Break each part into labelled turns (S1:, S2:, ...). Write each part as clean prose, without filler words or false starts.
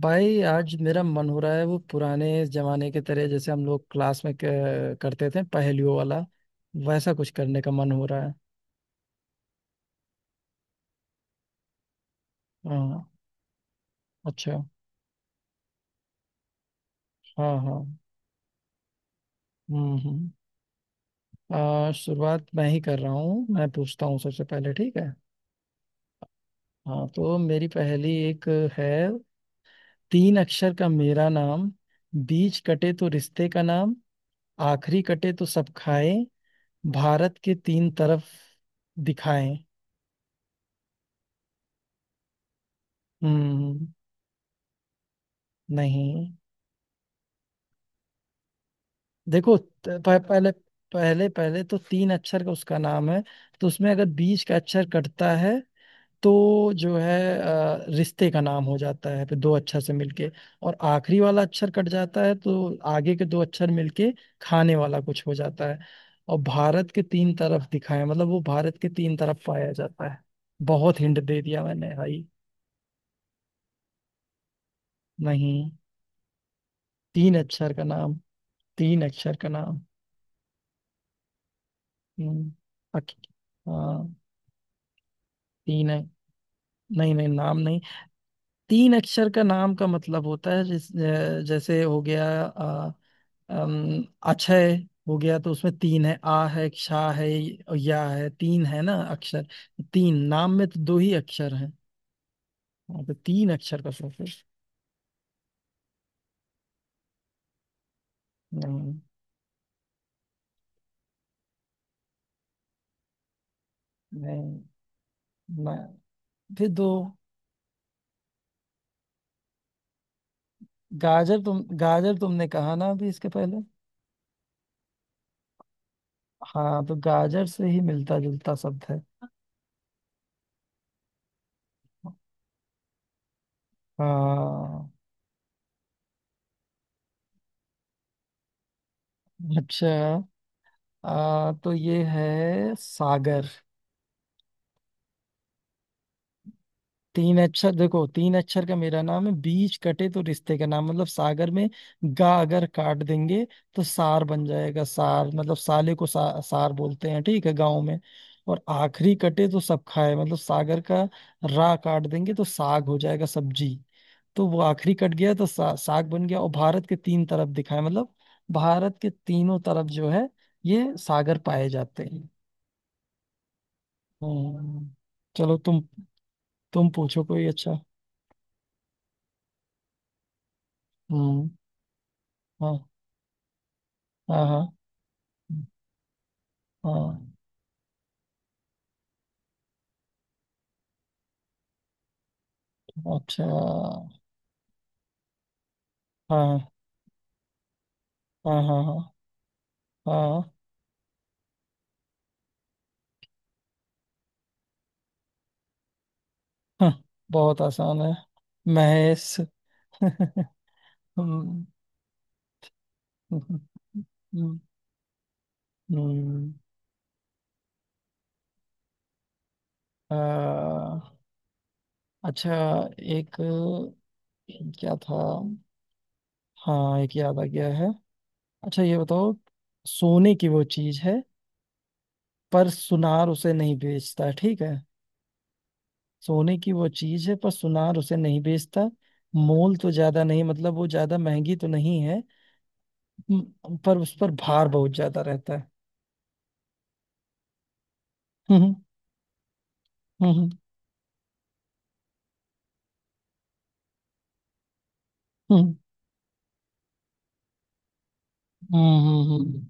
S1: भाई आज मेरा मन हो रहा है वो पुराने जमाने के तरह जैसे हम लोग क्लास में करते थे पहेलियों वाला। वैसा कुछ करने का मन हो रहा है। हाँ। अच्छा। हाँ हाँ। हम्म। शुरुआत मैं ही कर रहा हूँ। मैं पूछता हूँ सबसे पहले, ठीक है? हाँ तो मेरी पहेली एक है। तीन अक्षर का मेरा नाम, बीच कटे तो रिश्ते का नाम, आखिरी कटे तो सब खाए, भारत के तीन तरफ दिखाए। हम्म। नहीं। देखो पहले, पहले तो तीन अक्षर का उसका नाम है। तो उसमें अगर बीच का अक्षर कटता है तो जो है रिश्ते का नाम हो जाता है फिर दो अक्षर से मिलके। और आखिरी वाला अक्षर कट जाता है तो आगे के दो अक्षर मिलके खाने वाला कुछ हो जाता है। और भारत के तीन तरफ दिखाए मतलब वो भारत के तीन तरफ पाया जाता है। बहुत हिंट दे दिया मैंने भाई। नहीं। तीन अक्षर का नाम। तीन अक्षर का नाम। हम्म, अक- हाँ तीन है। नहीं नहीं, नाम नहीं। तीन अक्षर का नाम का मतलब होता है जिस जैसे हो गया अम, अक्षय हो गया तो उसमें तीन है, आ है, क्षा है और या है। तीन है ना अक्षर? तीन नाम में तो दो ही अक्षर हैं। हाँ, तो तीन अक्षर का सफर। नहीं। नहीं ना- फिर दो। गाजर, तुम गाजर तुमने कहा ना अभी इसके पहले। हाँ तो गाजर से ही मिलता जुलता शब्द है। हाँ। अच्छा। तो ये है सागर। तीन अक्षर, देखो तीन अक्षर का मेरा नाम है, बीच कटे तो रिश्ते का नाम, मतलब सागर में गा अगर काट देंगे तो सार बन जाएगा। सार मतलब साले को सार बोलते हैं, ठीक है, गांव में। और आखिरी कटे तो सब खाए, मतलब सागर का रा काट देंगे तो साग हो जाएगा, सब्जी। तो वो आखिरी कट गया तो साग बन गया। और भारत के तीन तरफ दिखाए मतलब भारत के तीनों तरफ जो है ये सागर पाए जाते हैं। हम्म, चलो तुम। पूछो कोई अच्छा। हम्म। हाँ हाँ हाँ हाँ। अच्छा। हाँ हाँ हाँ हाँ। हाँ हाँ, बहुत आसान है, महेश। हम्म, हम्म, हम्म, आ, अच्छा। एक क्या था हाँ, एक याद आ गया है। अच्छा ये बताओ, सोने की वो चीज है पर सुनार उसे नहीं बेचता, ठीक है? सोने की वो चीज है पर सुनार उसे नहीं बेचता। मोल तो ज्यादा नहीं, मतलब वो ज्यादा महंगी तो नहीं है। पर उस पर भार बहुत ज्यादा रहता है। हम्म हम्म। हम्म। हम्म। हम्म, हम्म, हम्म।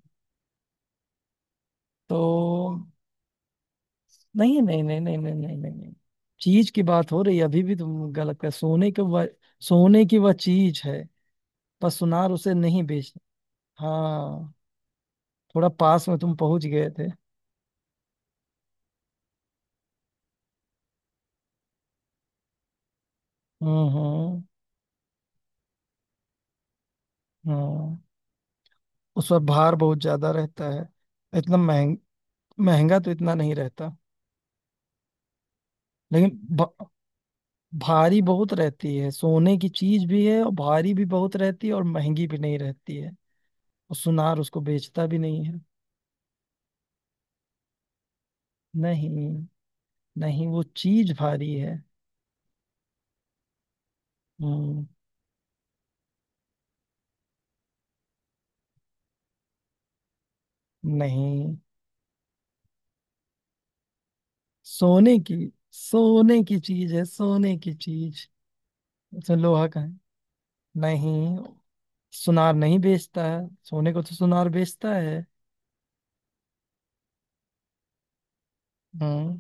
S1: तो नहीं नहीं नहीं नहीं नहीं नहीं नहीं नहीं, चीज की बात हो रही है अभी भी तुम गलत कर सोने के वह। सोने की वह चीज है, पर सुनार उसे नहीं बेचता। हाँ, थोड़ा पास में तुम पहुंच गए थे। हम्म हम्म हम्म। उस पर भार बहुत ज्यादा रहता है। इतना महंग महंगा तो इतना नहीं रहता। लेकिन भ- भारी बहुत रहती है। सोने की चीज भी है और भारी भी बहुत रहती है और महंगी भी नहीं रहती है और सुनार उसको बेचता भी नहीं है। नहीं। नहीं वो चीज भारी है। हम्म, नहीं, सोने की। सोने की चीज है, सोने की चीज। उसमें लोहा का है। नहीं। सुनार नहीं बेचता है। सोने को तो सुनार बेचता है। हम्म।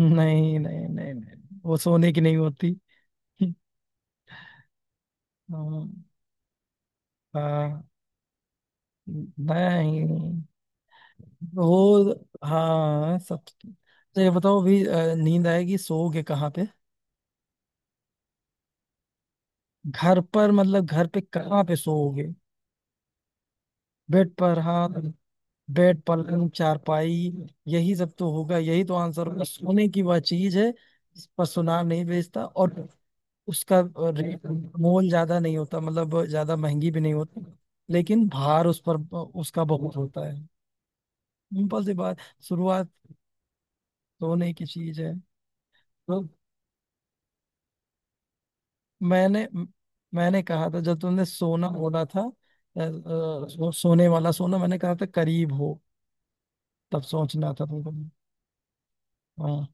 S1: नहीं नहीं नहीं नहीं, वो सोने की नहीं होती। हाँ हाँ। नहीं। वो हाँ सब तो ये बताओ अभी नींद आएगी सोओगे कहाँ पे? घर पर मतलब घर पे कहाँ पे सोओगे? बेड पर, हाँ। बेड, पलंग, चारपाई, यही सब तो होगा, यही तो आंसर होगा। सोने की वह चीज है जिस पर सुनार नहीं बेचता और उसका रेट, मोल ज्यादा नहीं होता मतलब ज्यादा महंगी भी नहीं होती, लेकिन भार उस पर, उसका बहुत होता है। सिंपल सी बात। शुरुआत। सोने की चीज है। मैंने म- मैंने कहा था, जब तुमने सोना बोला था सोने वाला सोना, मैंने कहा था करीब हो, तब सोचना था तुमको। हाँ।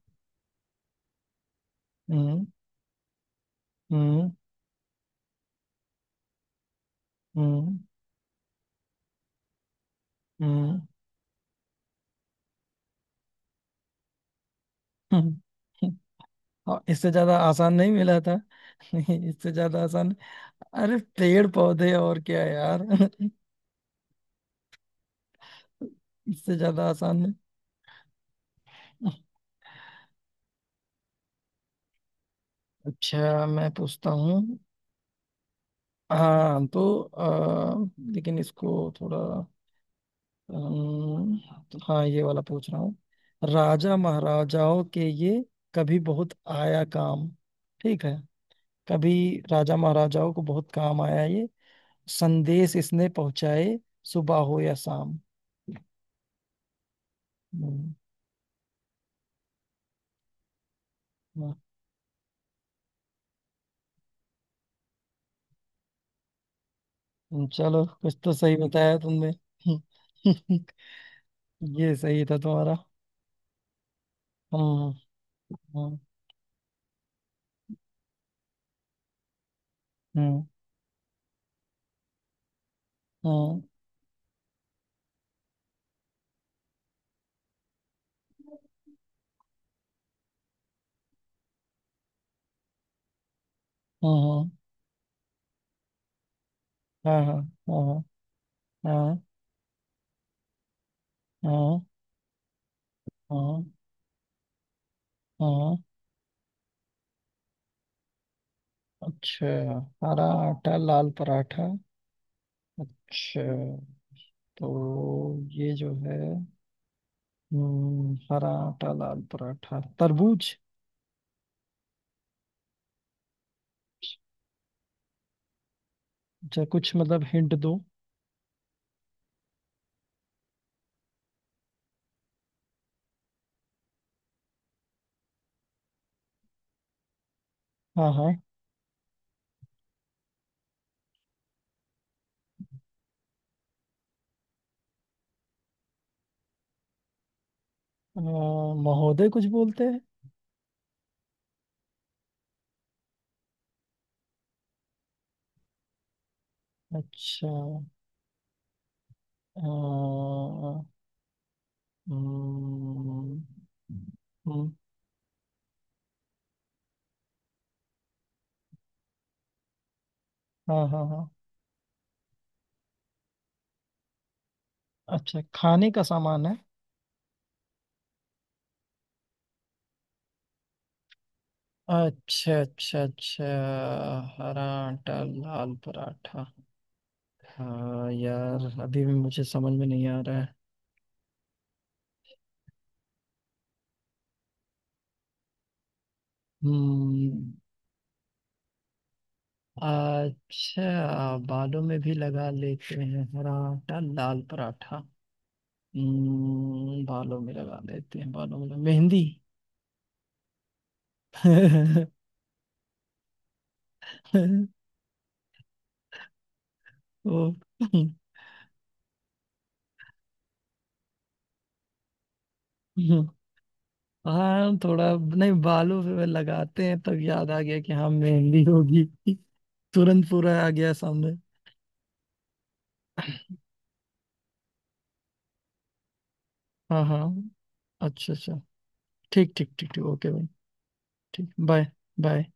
S1: हम्म हम्म हम्म हम्म हम्म, हम्म। और इससे ज्यादा आसान नहीं मिला था? नहीं इससे ज्यादा आसान, अरे पेड़ पौधे और क्या यार। इससे ज्यादा आसान नहीं। अच्छा मैं पूछता हूँ। हाँ तो लेकिन इसको थोड़ा अम्म, हाँ ये वाला पूछ रहा हूँ। राजा महाराजाओं के ये कभी बहुत आया काम, ठीक है? कभी राजा महाराजाओं को बहुत काम आया ये, संदेश इसने पहुंचाए, सुबह हो या शाम। हम्म, हाँ, चलो कुछ तो सही बताया तुमने। ये सही था तुम्हारा। हम्म हम्म हम्म हम्म हम्म। हाँ हाँ हाँ हाँ हाँ हाँ हाँ हाँ। अच्छा, हरा आटा लाल पराठा। अच्छा, तो ये जो है, हरा आटा लाल पराठा, तरबूज। अच्छा कुछ मतलब हिंट दो। हाँ हाँ। अ, महोदय कुछ बोलते हैं। अच्छा। अ, हम्म, हम्म, हाँ हाँ हाँ। अच्छा, खाने का सामान है? अच्छा अच्छा अच्छा, हरा आटा लाल पराठा। हाँ यार अभी भी मुझे समझ में नहीं आ रहा है। हम्म। अच्छा बालों में भी लगा लेते हैं? हरा आटा लाल पराठा। हम्म, बालों में लगा लेते हैं, बालों में, मेहंदी। ओ। हाँ थोड़ा नहीं, बालों पे लगाते हैं तब याद आ गया कि हाँ मेहंदी होगी। तुरंत पूरा आ गया सामने। हाँ हाँ, अच्छा अच्छा, ठीक ठीक ठीक ठीक, ओके भाई। ठीक, बाय। बाय।